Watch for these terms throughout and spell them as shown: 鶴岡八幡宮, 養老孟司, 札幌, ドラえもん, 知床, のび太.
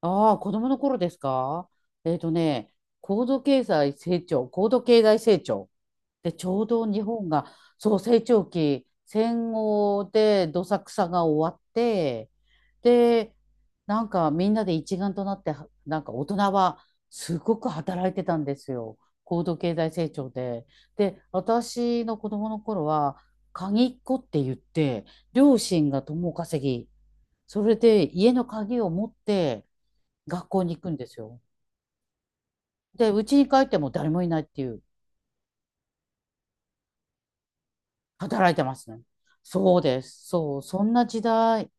ああ、子供の頃ですか。えっとね、高度経済成長、で、ちょうど日本が、そう、成長期、戦後でどさくさが終わって、で、なんかみんなで一丸となって、はなんか大人はすごく働いてたんですよ。高度経済成長で。で、私の子供の頃は、鍵っ子って言って、両親が共稼ぎ、それで家の鍵を持って、学校に行くんですよ。で、うちに帰っても誰もいないっていう、働いてますね。そうです。そう、そんな時代。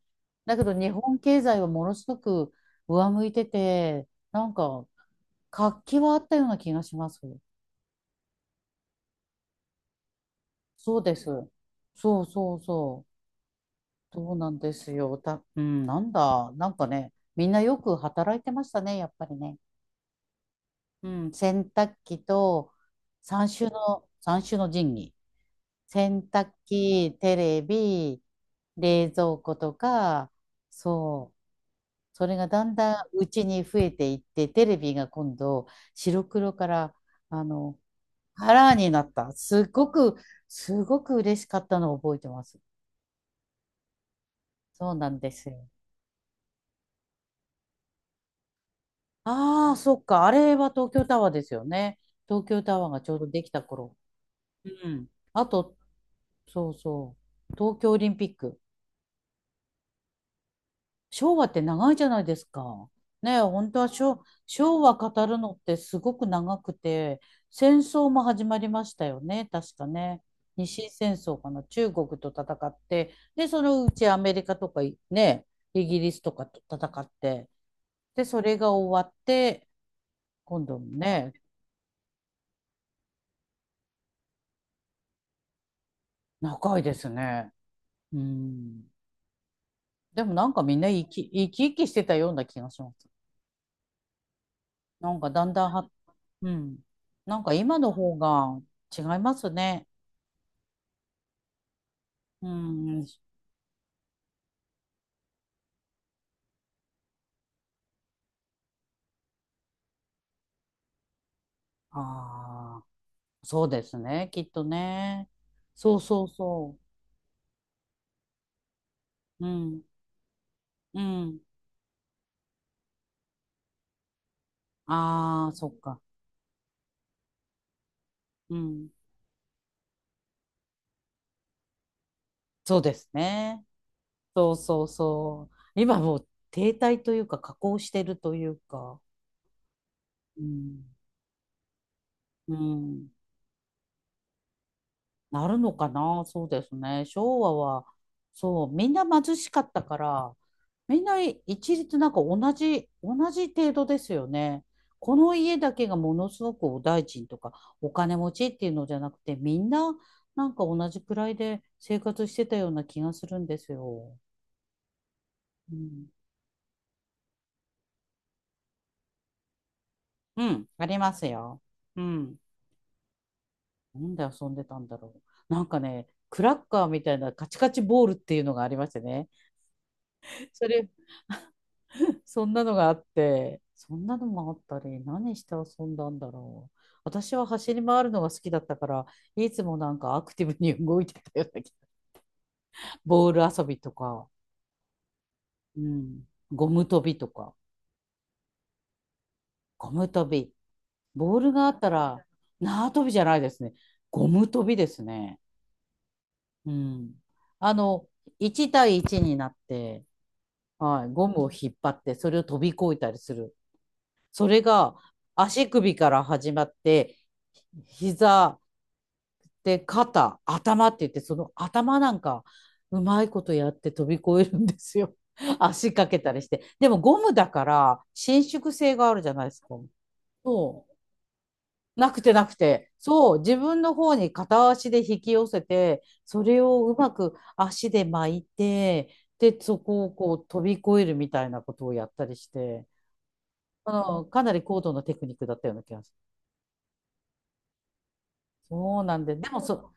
だけど日本経済はものすごく上向いてて、なんか活気はあったような気がします。そうです。そうそうそう。そうなんですよ。た、うん、なんだ。なんかね、みんなよく働いてましたね、やっぱりね。うん、洗濯機と三種の神器。洗濯機、テレビ、冷蔵庫とか、そう、それがだんだんうちに増えていって、テレビが今度、白黒から、あの、カラーになった。すごく嬉しかったのを覚えてます。そうなんですよ。ああ、そっか。あれは東京タワーですよね。東京タワーがちょうどできた頃。うん。あと、そうそう。東京オリンピック。昭和って長いじゃないですか。ねえ、本当は昭和語るのってすごく長くて、戦争も始まりましたよね、確かね。日清戦争かな、中国と戦って、で、そのうちアメリカとかいね、イギリスとかと戦って、で、それが終わって、今度もね、長いですね。うん。でもなんかみんな生き生きしてたような気がします。なんかだんだんは、うん。なんか今の方が違いますね。うん。ああ、そうですね。きっとね。そうそうそう。うん。うん。ああ、そっか。うん。そうですね。そうそうそう。今もう停滞というか、下降してるというか。うん。うん。なるのかな、そうですね。昭和は、そう、みんな貧しかったから、みんな一律なんか同じ、同じ程度ですよね。この家だけがものすごくお大臣とかお金持ちっていうのじゃなくて、みんななんか同じくらいで生活してたような気がするんですよ。うん、うん、ありますよ。うん。なんで遊んでたんだろう。なんかね、クラッカーみたいなカチカチボールっていうのがありましてね。それそんなのがあって、そんなのもあったり、何して遊んだんだろう。私は走り回るのが好きだったから、いつもなんかアクティブに動いてたような気が。ボール遊びとか、うん、ゴム跳びとか、ゴム跳び。ボールがあったら、縄跳びじゃないですね。ゴム跳びですね。うん。あの、1対1になって、はい、ゴムを引っ張って、それを飛び越えたりする。それが足首から始まって、膝、で、肩、頭って言って、その頭なんか、うまいことやって飛び越えるんですよ。足かけたりして。でもゴムだから、伸縮性があるじゃないですか。そう。なくてなくて。そう。自分の方に片足で引き寄せて、それをうまく足で巻いて、で、そこをこう飛び越えるみたいなことをやったりして、あのかなり高度なテクニックだったような気がする。そうなんで、でもそ、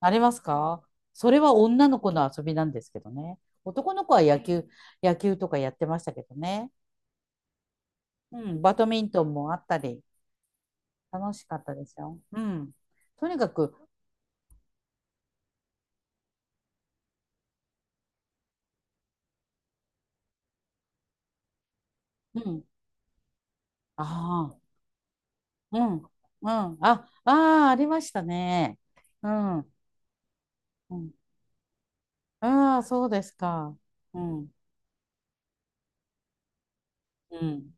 ありますか。それは女の子の遊びなんですけどね。男の子は野球、野球とかやってましたけどね。うん、バドミントンもあったり、楽しかったですよ。うん。とにかく、うん。ああ、うん、うん。あ、ああ、ありましたね。うん。うん、ああ、そうですか。うん。うん。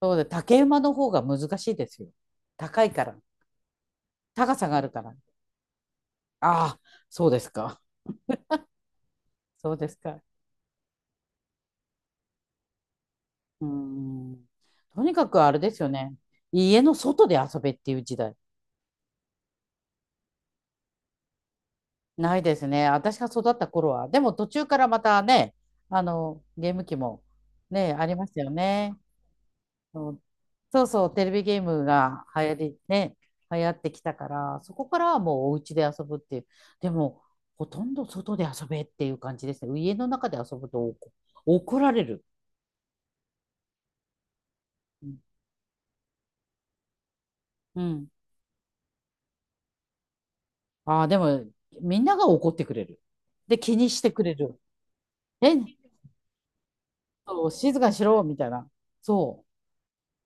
そうで、竹馬の方が難しいですよ。高いから。高さがあるから。ああ、そうですか。そうですか。うーん。とにかくあれですよね。家の外で遊べっていう時代。ないですね。私が育った頃は。でも途中からまたね、あの、ゲーム機もね、ありましたよね。そうそうそう、テレビゲームが流行り、ね、流行ってきたから、そこからはもうお家で遊ぶっていう。でも、ほとんど外で遊べっていう感じですね。家の中で遊ぶと怒られる。うん。うん、ああ、でも、みんなが怒ってくれる。で、気にしてくれる。え、そう静かにしろみたいな。そう。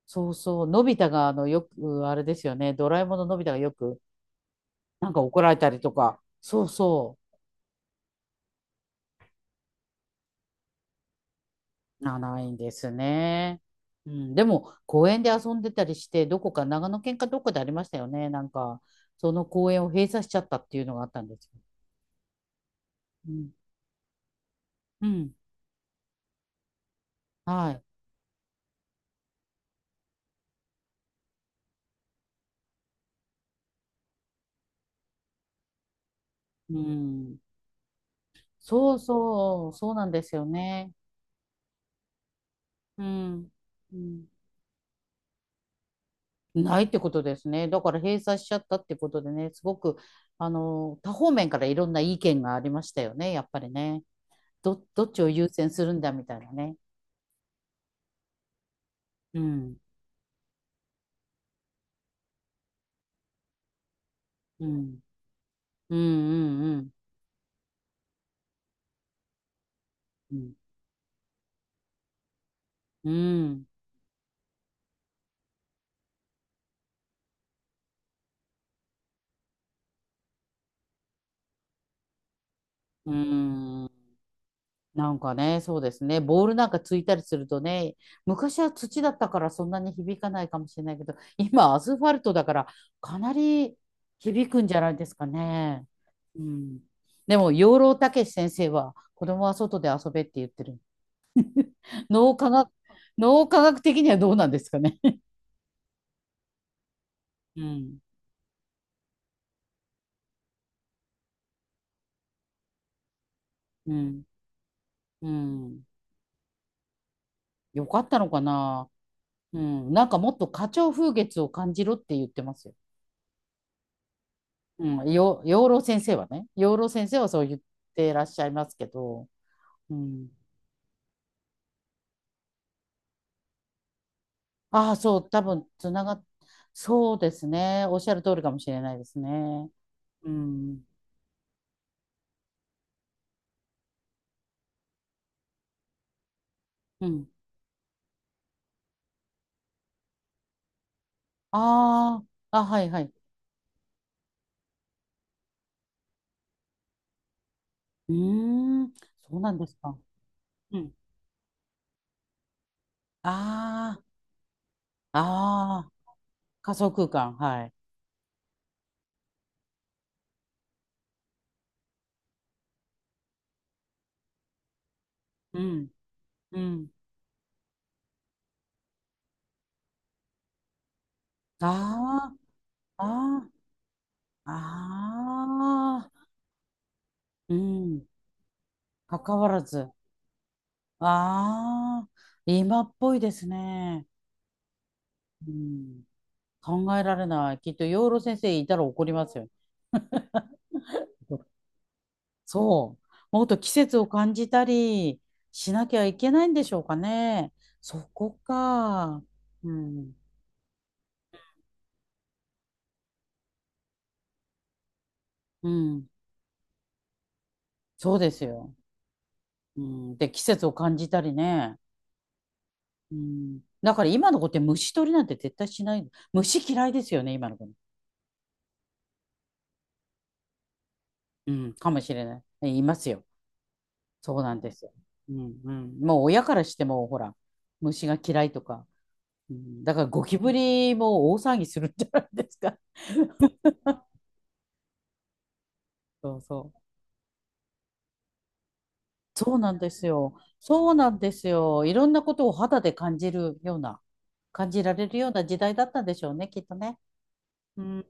そうそう。のび太が、あの、よく、あれですよね。ドラえもんののび太がよく、なんか怒られたりとか。そうそう。な、ないんですね。うん。でも、公園で遊んでたりして、どこか、長野県かどこでありましたよね。なんか、その公園を閉鎖しちゃったっていうのがあったんですよ。うん。うん。はい。うん。そうそう。そうなんですよね。うん。うんないってことですね。だから閉鎖しちゃったってことでね、すごく、あの、多方面からいろんな意見がありましたよね、やっぱりね。ど、どっちを優先するんだみたいなね。うん、うん、うん、うん、うん、うん、うん、うん。なんかね、そうですね。ボールなんかついたりするとね、昔は土だったからそんなに響かないかもしれないけど、今アスファルトだからかなり響くんじゃないですかね。うん。でも、養老孟司先生は子供は外で遊べって言ってる。脳科学、脳科学的にはどうなんですかね。うん、うん、うん。よかったのかな。うん。なんかもっと花鳥風月を感じろって言ってますよ。うん、養老先生はね、養老先生はそう言ってらっしゃいますけど、うん。ああ、そう、多分つながっ、そうですね。おっしゃる通りかもしれないですね。うん。うん。ああ、あ、はいはい。うーん、そうなんですか。うん。ああ、ああ、仮想空間、はい。うん、うん。ああ、ああ、ああ、うん。関わらず。ああ、今っぽいですね。うん、考えられない。きっと養老先生いたら怒りますよ。そう。もっと季節を感じたりしなきゃいけないんでしょうかね。そこか。うん。うん。そうですよ。うん。で、季節を感じたりね。うん。だから今の子って虫取りなんて絶対しない。虫嫌いですよね、今の子。うん。かもしれない。いますよ。そうなんですよ。うんうん。もう親からしても、ほら、虫が嫌いとか。うん、だからゴキブリも大騒ぎするんじゃないですか。そうそう。そうなんですよ。そうなんですよ。いろんなことを肌で感じるような、感じられるような時代だったんでしょうね、きっとね。うん。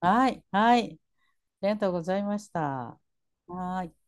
はい、はい。ありがとうございました。はーい。